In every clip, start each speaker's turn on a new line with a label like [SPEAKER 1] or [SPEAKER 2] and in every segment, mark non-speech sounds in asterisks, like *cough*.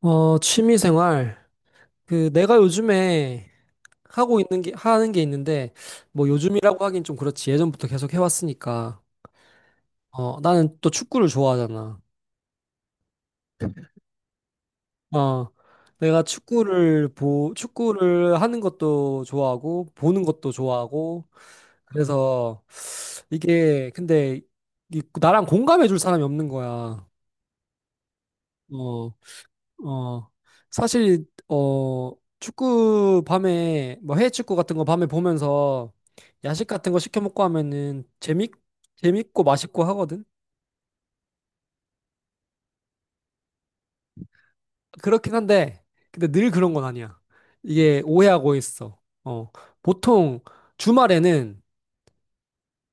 [SPEAKER 1] 어, 취미 생활. 그, 내가 요즘에 하는 게 있는데, 뭐 요즘이라고 하긴 좀 그렇지. 예전부터 계속 해왔으니까. 나는 또 축구를 좋아하잖아. 어, 내가 축구를 하는 것도 좋아하고, 보는 것도 좋아하고, 그래서 이게, 근데, 나랑 공감해줄 사람이 없는 거야. 어, 어, 사실, 축구 밤에, 뭐 해외 축구 같은 거 밤에 보면서 야식 같은 거 시켜 먹고 하면은 재밌고 맛있고 하거든? 그렇긴 한데, 근데 늘 그런 건 아니야. 이게 오해하고 있어. 보통 주말에는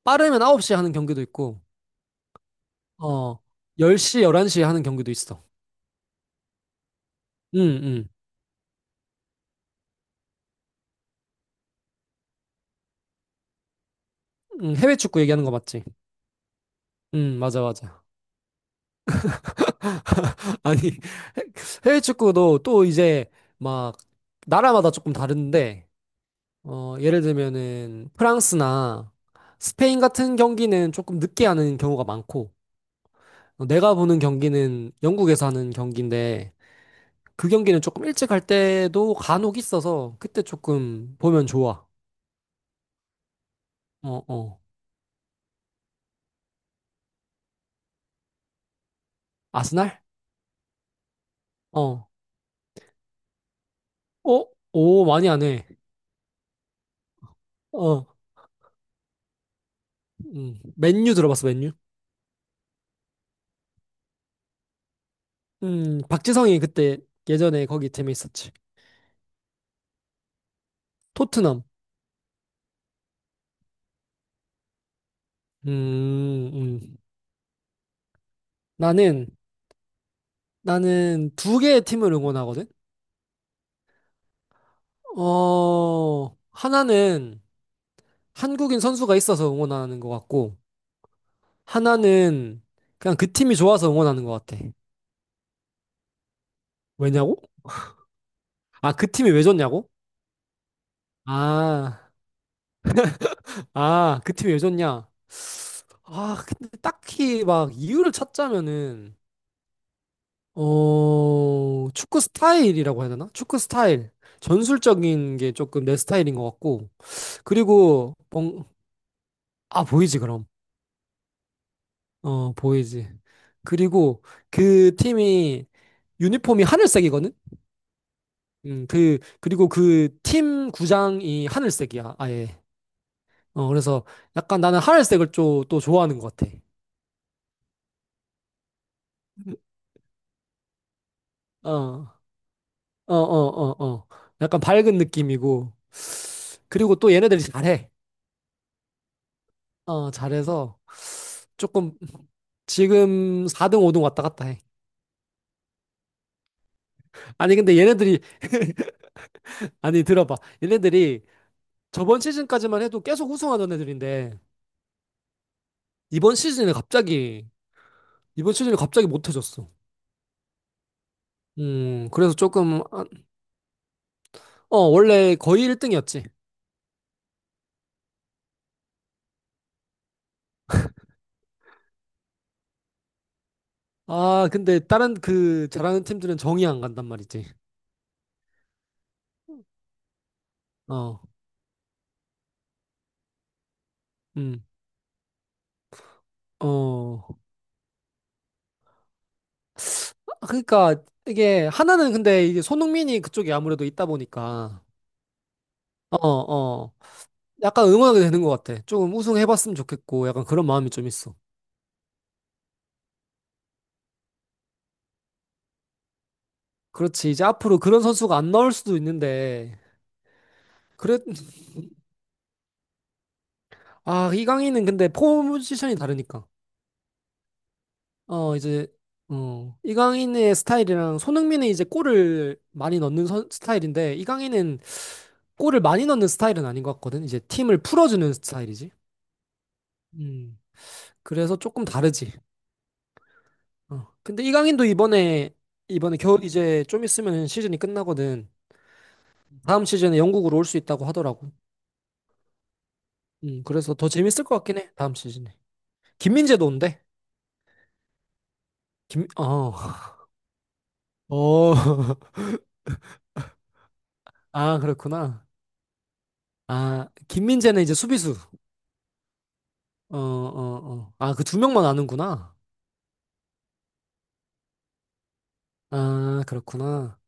[SPEAKER 1] 빠르면 9시에 하는 경기도 있고, 어, 10시, 11시에 하는 경기도 있어. 응, 응. 응, 해외 축구 얘기하는 거 맞지? 응, 맞아, 맞아. 아니, *laughs* 해외 축구도 또 이제 막 나라마다 조금 다른데, 예를 들면은 프랑스나 스페인 같은 경기는 조금 늦게 하는 경우가 많고, 내가 보는 경기는 영국에서 하는 경기인데, 그 경기는 조금 일찍 할 때도 간혹 있어서 그때 조금 보면 좋아. 어, 어. 아스날? 어. 어? 오, 많이 안 해. 어. 음. 맨유 들어봤어, 맨유? 박지성이 그때 예전에 거기 재밌었지. 토트넘. 음, 음. 나는, 나는 두 개의 팀을 응원하거든? 하나는 한국인 선수가 있어서 응원하는 것 같고, 하나는 그냥 그 팀이 좋아서 응원하는 것 같아. 왜냐고? 아, 그 팀이 왜 좋냐고? 아, 아, 그 팀이 왜 좋냐? 아, 근데 딱히 막 이유를 찾자면은, 축구 스타일이라고 해야 되나? 축구 스타일. 전술적인 게 조금 내 스타일인 것 같고, 그리고 뭔- 아, 보이지, 그럼. 어, 보이지. 그리고 그 팀이 유니폼이 하늘색이거든? 그리고 그 팀 구장이 하늘색이야, 아예. 그래서 약간 나는 하늘색을 좀 또 좋아하는 것 같아. 어, 어, 어, 어, 어. 약간 밝은 느낌이고. 그리고 또 얘네들이 잘해. 잘해서 조금 지금 4등, 5등 왔다 갔다 해. 아니, 근데 얘네들이, *laughs* 아니, 들어봐. 얘네들이 저번 시즌까지만 해도 계속 우승하던 애들인데, 이번 시즌에 갑자기 이번 시즌에 갑자기 못해졌어. 그래서 조금 어, 원래 거의 1등이었지. 아, 근데 다른 그 잘하는 팀들은 정이 안 간단 말이지. 어. 음. 어. 아, 그러니까 이게 하나는 근데 이게 손흥민이 그쪽에 아무래도 있다 보니까 어, 어. 약간 응원하게 되는 것 같아. 조금 우승해 봤으면 좋겠고 약간 그런 마음이 좀 있어. 그렇지. 이제 앞으로 그런 선수가 안 나올 수도 있는데 그래. 아, 이강인은 근데 포지션이 다르니까. 어, 이제, 어, 이강인의 스타일이랑 손흥민은 이제 골을 많이 넣는 스타일인데, 이강인은 골을 많이 넣는 스타일은 아닌 것 같거든. 이제 팀을 풀어주는 스타일이지. 음, 그래서 조금 다르지. 어. 근데 이강인도 이번에 겨울 이제 좀 있으면 시즌이 끝나거든. 다음 시즌에 영국으로 올 수 있다고 하더라고. 그래서 더 재밌을 것 같긴 해. 다음 시즌에. 김민재도 온대. 김, 어, *laughs* 어, *laughs* 아, 그렇구나. 아, 김민재는 이제 수비수. 어, 어, 어. 아, 그 두 명만 아는구나. 아, 그렇구나.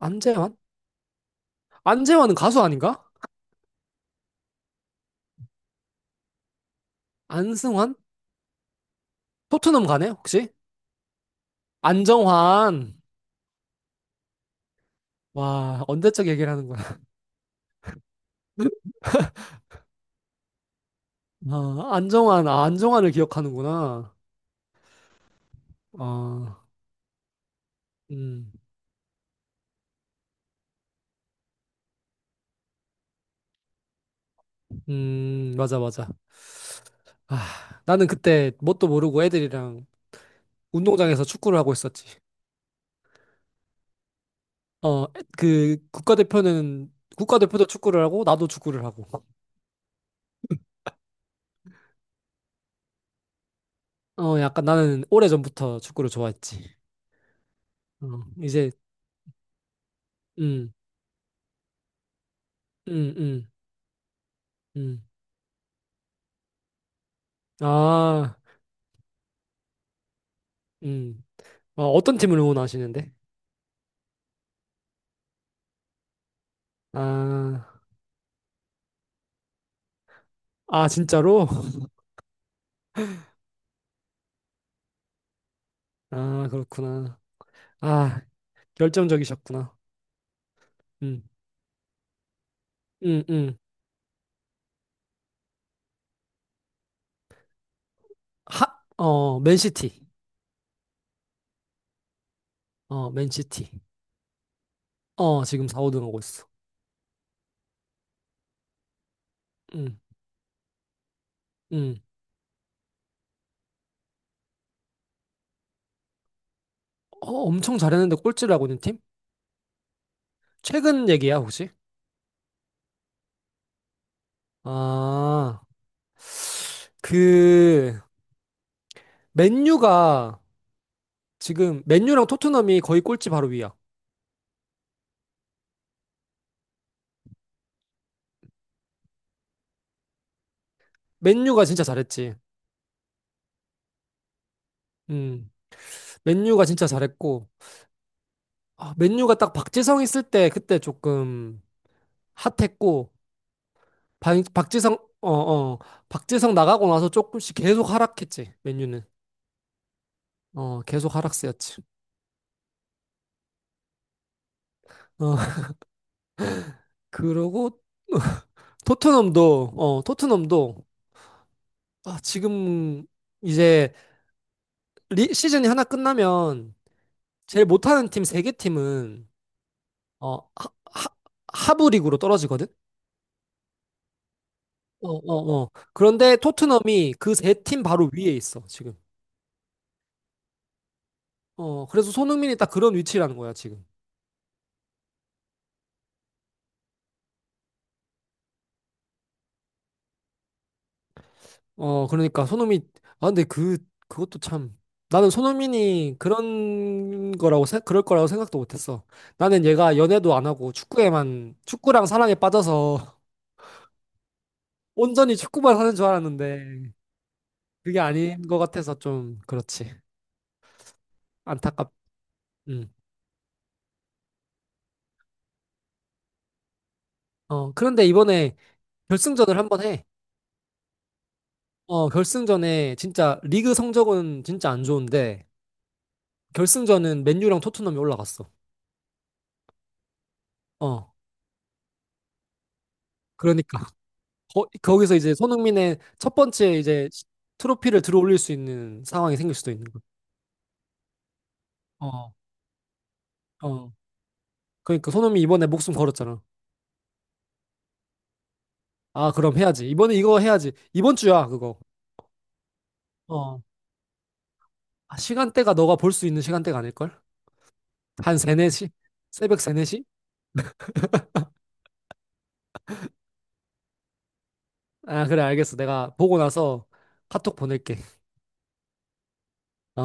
[SPEAKER 1] 안재환? 안재환은 가수 아닌가? 안승환? 토트넘 가네, 혹시? 안정환. 와, 언제적 얘기를 하는구나. *laughs* 아, 안정환을 기억하는구나. 어, 음, 맞아, 맞아. 아, 나는 그때 뭣도 모르고 애들이랑 운동장에서 축구를 하고 있었지. 어, 그 국가대표는 국가대표도 축구를 하고 나도 축구를 하고. 약간 나는 오래전부터 축구를 좋아했지. 어, 이제, 음, 음, 음, 음. 아, 음. 아, 어떤 팀을 응원하시는데? 아, 아, 진짜로? *laughs* 아, 그렇구나. 아, 결정적이셨구나. 음, 음, 음. 하, 맨시티. 맨시티. 지금 4, 5등 하고 있어. 음, 음. 엄청 잘했는데 꼴찌를 하고 있는 팀? 최근 얘기야, 혹시? 아, 그, 맨유가, 지금, 맨유랑 토트넘이 거의 꼴찌 바로 위야. 맨유가 진짜 잘했지. 음, 맨유가 진짜 잘했고, 아, 맨유가 딱 박지성 있을 때 그때 조금 핫했고, 박지성, 어, 어, 박지성 나가고 나서 조금씩 계속 하락했지, 맨유는. 계속 하락세였지. 어, *laughs* 그러고, 토트넘도, 아, 지금 이제 시즌이 하나 끝나면 제일 못하는 팀 세 개 팀은, 어, 하, 하, 하부 리그로 떨어지거든? 어, 어, 어. 그런데 토트넘이 그 세 팀 바로 위에 있어, 지금. 그래서 손흥민이 딱 그런 위치라는 거야, 지금. 그러니까 손흥민, 아, 근데 그, 그것도 참. 나는 손흥민이 그런 거라고, 그럴 거라고 생각도 못 했어. 나는 얘가 연애도 안 하고 축구랑 사랑에 빠져서 *laughs* 온전히 축구만 하는 줄 알았는데, 그게 아닌 것 같아서 좀, 그렇지. 안타깝, 음. 그런데 이번에 결승전을 한번 해. 결승전에 진짜 리그 성적은 진짜 안 좋은데, 결승전은 맨유랑 토트넘이 올라갔어. 어, 그러니까. 거기서 이제 손흥민의 첫 번째 이제 트로피를 들어올릴 수 있는 상황이 생길 수도 있는 거. 어, 어. 그러니까 손흥민 이번에 목숨 걸었잖아. 아, 그럼 해야지. 이번에 이거 해야지. 이번 주야, 그거. 어. 아, 시간대가 너가 볼 수 있는 시간대가 아닐걸? 한 세네시 새벽 세네시. 아, 그래, 알겠어. 내가 보고 나서 카톡 보낼게. 어?